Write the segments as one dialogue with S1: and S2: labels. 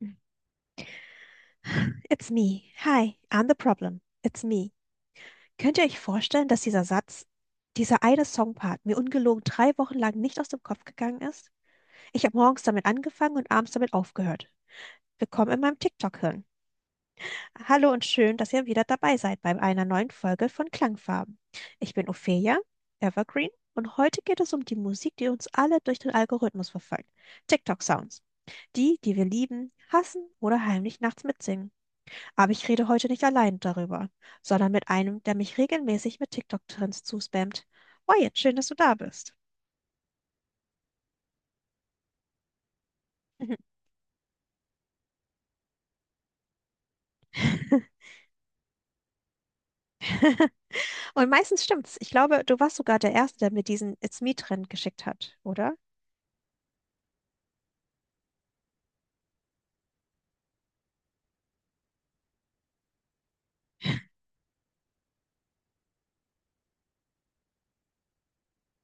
S1: It's me. Hi, I'm the problem. It's me. Könnt ihr euch vorstellen, dass dieser Satz, dieser eine Songpart mir ungelogen 3 Wochen lang nicht aus dem Kopf gegangen ist? Ich habe morgens damit angefangen und abends damit aufgehört. Willkommen in meinem TikTok-Hirn. Hallo und schön, dass ihr wieder dabei seid bei einer neuen Folge von Klangfarben. Ich bin Ophelia, Evergreen, und heute geht es um die Musik, die uns alle durch den Algorithmus verfolgt. TikTok-Sounds. Die, die wir lieben, hassen oder heimlich nachts mitsingen. Aber ich rede heute nicht allein darüber, sondern mit einem, der mich regelmäßig mit TikTok-Trends zuspammt. Oh, jetzt schön, dass du da bist. Mhm. Und meistens stimmt's. Ich glaube, du warst sogar der Erste, der mir diesen It's Me-Trend geschickt hat, oder?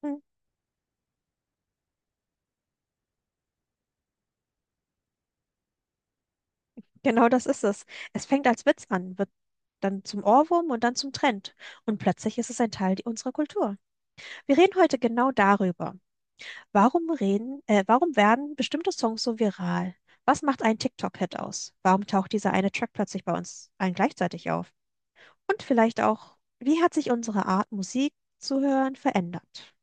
S1: Hm. Genau das ist es. Es fängt als Witz an, wird dann zum Ohrwurm und dann zum Trend. Und plötzlich ist es ein Teil unserer Kultur. Wir reden heute genau darüber. Warum werden bestimmte Songs so viral? Was macht einen TikTok-Hit aus? Warum taucht dieser eine Track plötzlich bei uns allen gleichzeitig auf? Und vielleicht auch, wie hat sich unsere Art, Musik zu hören, verändert?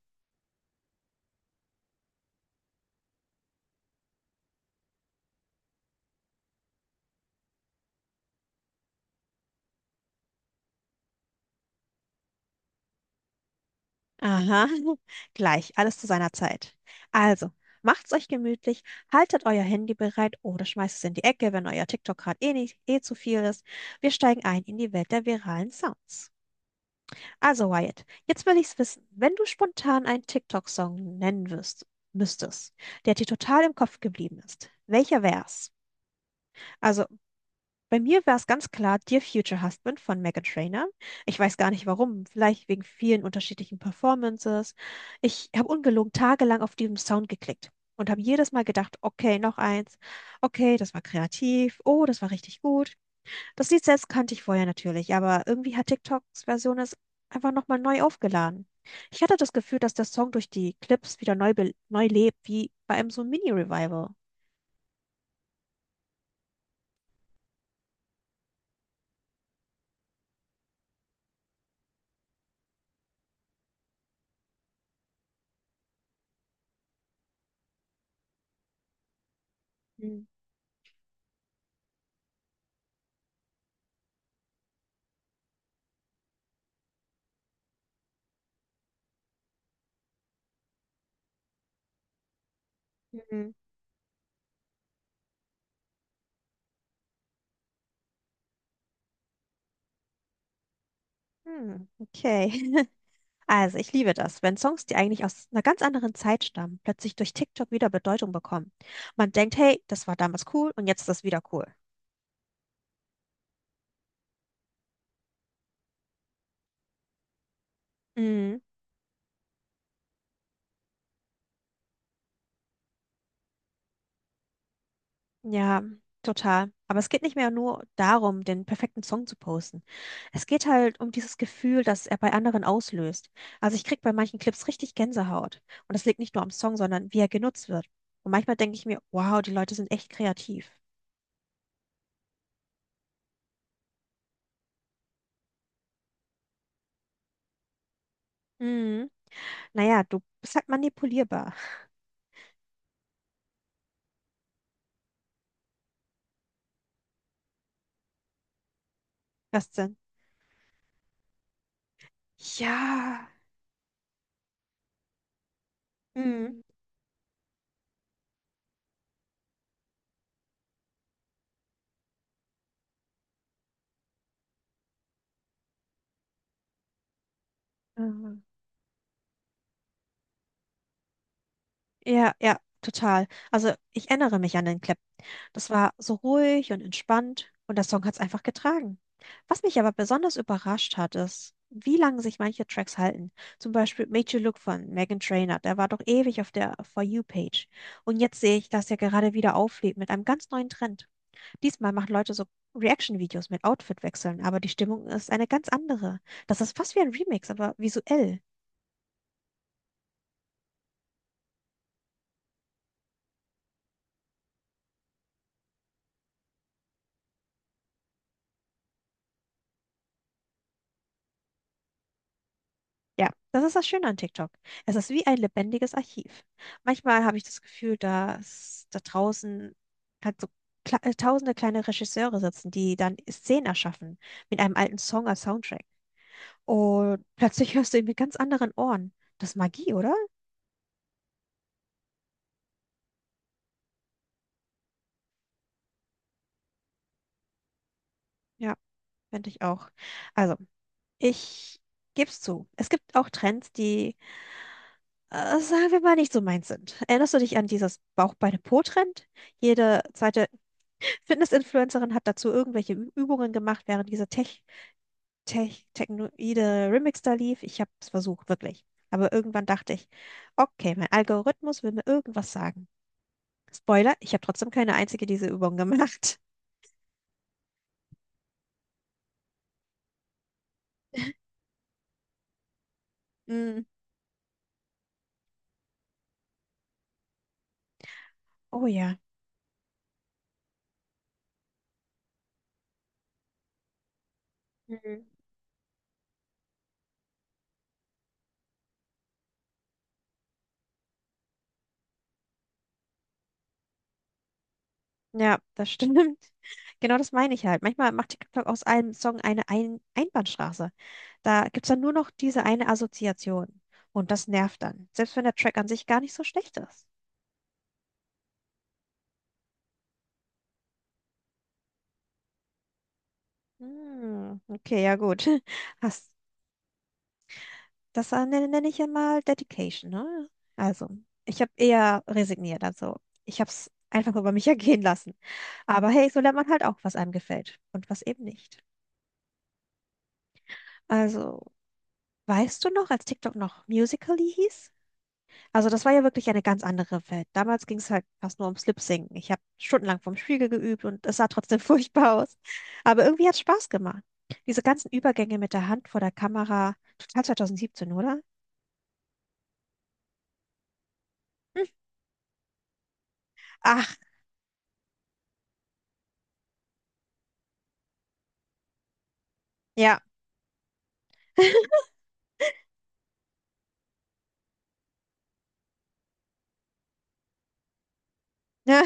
S1: Aha, gleich, alles zu seiner Zeit. Also, macht's euch gemütlich, haltet euer Handy bereit oder schmeißt es in die Ecke, wenn euer TikTok gerade eh nicht, eh zu viel ist. Wir steigen ein in die Welt der viralen Sounds. Also Wyatt, jetzt will ich's wissen. Wenn du spontan einen TikTok-Song nennen müsstest, der dir total im Kopf geblieben ist, welcher wär's? Also bei mir wär's ganz klar Dear Future Husband von Meghan Trainor. Ich weiß gar nicht warum, vielleicht wegen vielen unterschiedlichen Performances. Ich habe ungelogen tagelang auf diesem Sound geklickt und habe jedes Mal gedacht, okay, noch eins, okay, das war kreativ, oh, das war richtig gut. Das Lied selbst kannte ich vorher natürlich, aber irgendwie hat TikToks Version es einfach nochmal neu aufgeladen. Ich hatte das Gefühl, dass der Song durch die Clips wieder neu lebt, wie bei einem so Mini-Revival. Hm. Mhm. Hm, okay. Also, ich liebe das, wenn Songs, die eigentlich aus einer ganz anderen Zeit stammen, plötzlich durch TikTok wieder Bedeutung bekommen. Man denkt, hey, das war damals cool und jetzt ist das wieder cool. Mhm. Ja, total. Aber es geht nicht mehr nur darum, den perfekten Song zu posten. Es geht halt um dieses Gefühl, das er bei anderen auslöst. Also ich krieg bei manchen Clips richtig Gänsehaut. Und das liegt nicht nur am Song, sondern wie er genutzt wird. Und manchmal denke ich mir, wow, die Leute sind echt kreativ. Mhm. Naja, du bist halt manipulierbar. Was denn? Ja. Mhm. Mhm. Ja, ja, total. Also ich erinnere mich an den Clip. Das war so ruhig und entspannt und der Song hat es einfach getragen. Was mich aber besonders überrascht hat, ist, wie lange sich manche Tracks halten. Zum Beispiel Made You Look von Meghan Trainor, der war doch ewig auf der For You-Page. Und jetzt sehe ich, dass er gerade wieder auflebt mit einem ganz neuen Trend. Diesmal machen Leute so Reaction-Videos mit Outfitwechseln, aber die Stimmung ist eine ganz andere. Das ist fast wie ein Remix, aber visuell. Ja, das ist das Schöne an TikTok. Es ist wie ein lebendiges Archiv. Manchmal habe ich das Gefühl, dass da draußen halt so kle tausende kleine Regisseure sitzen, die dann Szenen erschaffen mit einem alten Song als Soundtrack. Und plötzlich hörst du ihn mit ganz anderen Ohren. Das ist Magie, oder? Ja, finde ich auch. Also, ich gebe es zu. Es gibt auch Trends, die, sagen wir mal, nicht so meins sind. Erinnerst du dich an dieses Bauch-Beine-Po-Trend? Jede zweite Fitness-Influencerin hat dazu irgendwelche Übungen gemacht, während dieser technoide Remix da lief. Ich habe es versucht, wirklich. Aber irgendwann dachte ich, okay, mein Algorithmus will mir irgendwas sagen. Spoiler, ich habe trotzdem keine einzige dieser Übungen gemacht. Mm, oh ja. Mhm. Ja, das stimmt. Genau das meine ich halt. Manchmal macht TikTok aus einem Song eine Einbahnstraße. Da gibt es dann nur noch diese eine Assoziation. Und das nervt dann. Selbst wenn der Track an sich gar nicht so schlecht ist. Hm, okay, ja gut. Hast, das nenne ich ja mal Dedication, ne? Also, ich habe eher resigniert, also ich habe es einfach über mich ergehen lassen. Aber hey, so lernt man halt auch, was einem gefällt und was eben nicht. Also, weißt du noch, als TikTok noch Musical.ly hieß? Also, das war ja wirklich eine ganz andere Welt. Damals ging es halt fast nur ums Lip-Singen. Ich habe stundenlang vorm Spiegel geübt und es sah trotzdem furchtbar aus. Aber irgendwie hat es Spaß gemacht. Diese ganzen Übergänge mit der Hand vor der Kamera, total 2017, oder? Ach, ja. Ja.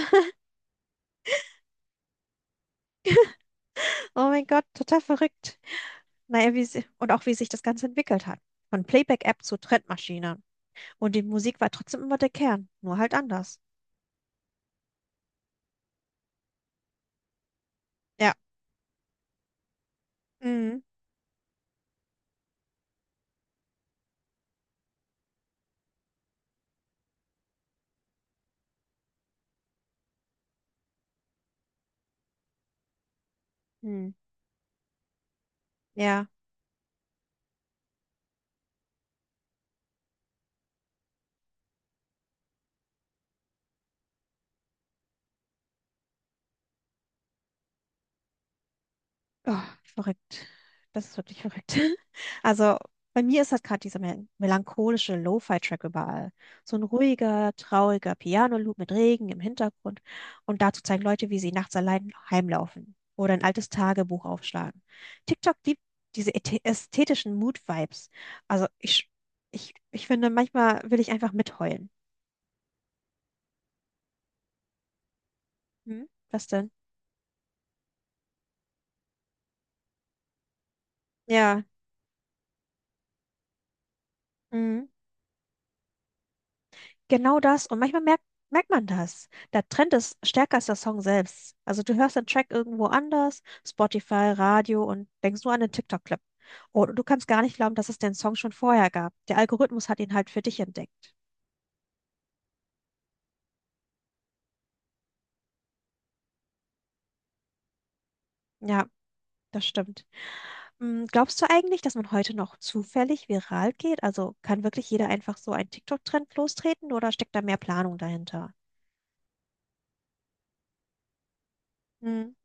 S1: Oh mein Gott, total verrückt. Naja, wie sie, und auch wie sich das Ganze entwickelt hat. Von Playback-App zu Trendmaschine. Und die Musik war trotzdem immer der Kern, nur halt anders. Ja. Mhm. Mhm. Ja. Oh, verrückt. Das ist wirklich verrückt. Also bei mir ist halt gerade dieser melancholische Lo-Fi-Track überall. So ein ruhiger, trauriger Piano-Loop mit Regen im Hintergrund. Und dazu zeigen Leute, wie sie nachts allein heimlaufen oder ein altes Tagebuch aufschlagen. TikTok liebt diese ästhetischen Mood-Vibes. Also ich finde, manchmal will ich einfach mitheulen. Hm? Was denn? Ja. Hm? Genau das. Und manchmal merkt man das. Der Trend ist stärker als der Song selbst. Also du hörst den Track irgendwo anders, Spotify, Radio und denkst nur an den TikTok-Clip. Und du kannst gar nicht glauben, dass es den Song schon vorher gab. Der Algorithmus hat ihn halt für dich entdeckt. Ja, das stimmt. Mm. Glaubst du eigentlich, dass man heute noch zufällig viral geht? Also kann wirklich jeder einfach so einen TikTok-Trend lostreten oder steckt da mehr Planung dahinter? Mm,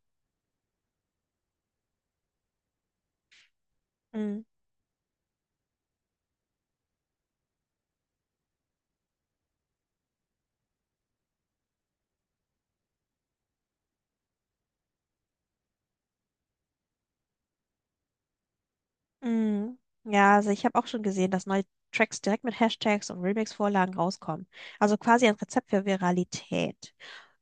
S1: mm. Mm. Ja, also ich habe auch schon gesehen, dass neue Tracks direkt mit Hashtags und Remix-Vorlagen rauskommen. Also quasi ein Rezept für Viralität.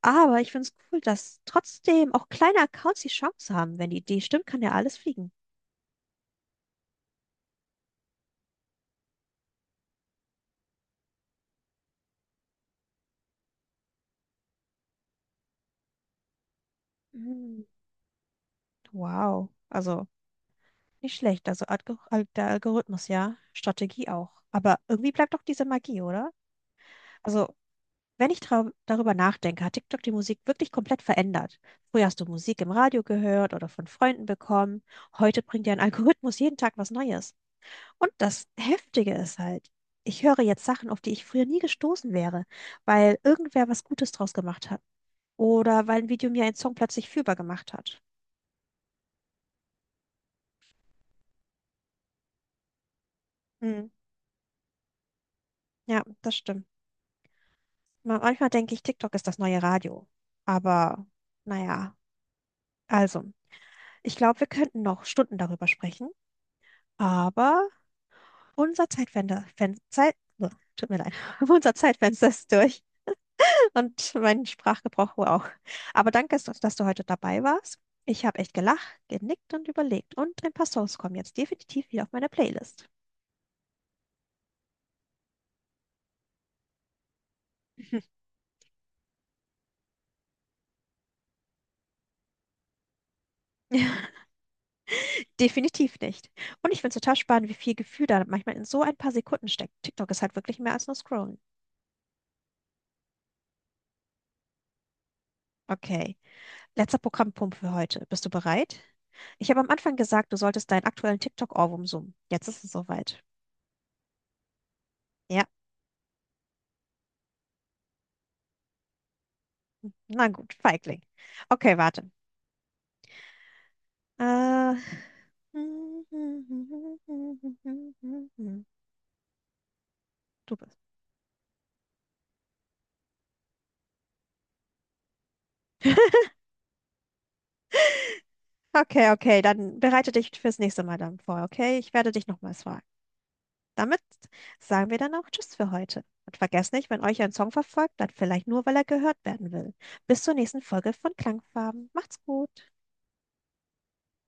S1: Aber ich finde es cool, dass trotzdem auch kleine Accounts die Chance haben. Wenn die Idee stimmt, kann ja alles fliegen. Mm. Wow. Also nicht schlecht. Also der Algorithmus, ja. Strategie auch. Aber irgendwie bleibt doch diese Magie, oder? Also wenn ich darüber nachdenke, hat TikTok die Musik wirklich komplett verändert. Früher hast du Musik im Radio gehört oder von Freunden bekommen. Heute bringt dir ein Algorithmus jeden Tag was Neues. Und das Heftige ist halt, ich höre jetzt Sachen, auf die ich früher nie gestoßen wäre, weil irgendwer was Gutes draus gemacht hat. Oder weil ein Video mir einen Song plötzlich fühlbar gemacht hat. Hm, ja, das stimmt. Manchmal denke ich, TikTok ist das neue Radio. Aber naja, also, ich glaube, wir könnten noch Stunden darüber sprechen. Aber Unser Zeitfenster, Fen Zeit, oh, tut mir leid, unser Zeitfenster ist durch und mein Sprachgebrauch wohl auch. Aber danke, dass du heute dabei warst. Ich habe echt gelacht, genickt und überlegt und ein paar Songs kommen jetzt definitiv wieder auf meine Playlist. Definitiv nicht. Und ich finde es total spannend, wie viel Gefühl da manchmal in so ein paar Sekunden steckt. TikTok ist halt wirklich mehr als nur Scrollen. Okay, letzter Programmpunkt für heute. Bist du bereit? Ich habe am Anfang gesagt, du solltest deinen aktuellen TikTok-Ohrwurm summen. Jetzt ist es soweit. Ja. Na gut, Feigling. Okay, warte. Äh, Du bist. Okay, okay, dann bereite dich fürs nächste Mal dann vor, okay? Ich werde dich nochmals fragen. Damit sagen wir dann auch Tschüss für heute. Und vergesst nicht, wenn euch ein Song verfolgt, dann vielleicht nur, weil er gehört werden will. Bis zur nächsten Folge von Klangfarben. Macht's gut.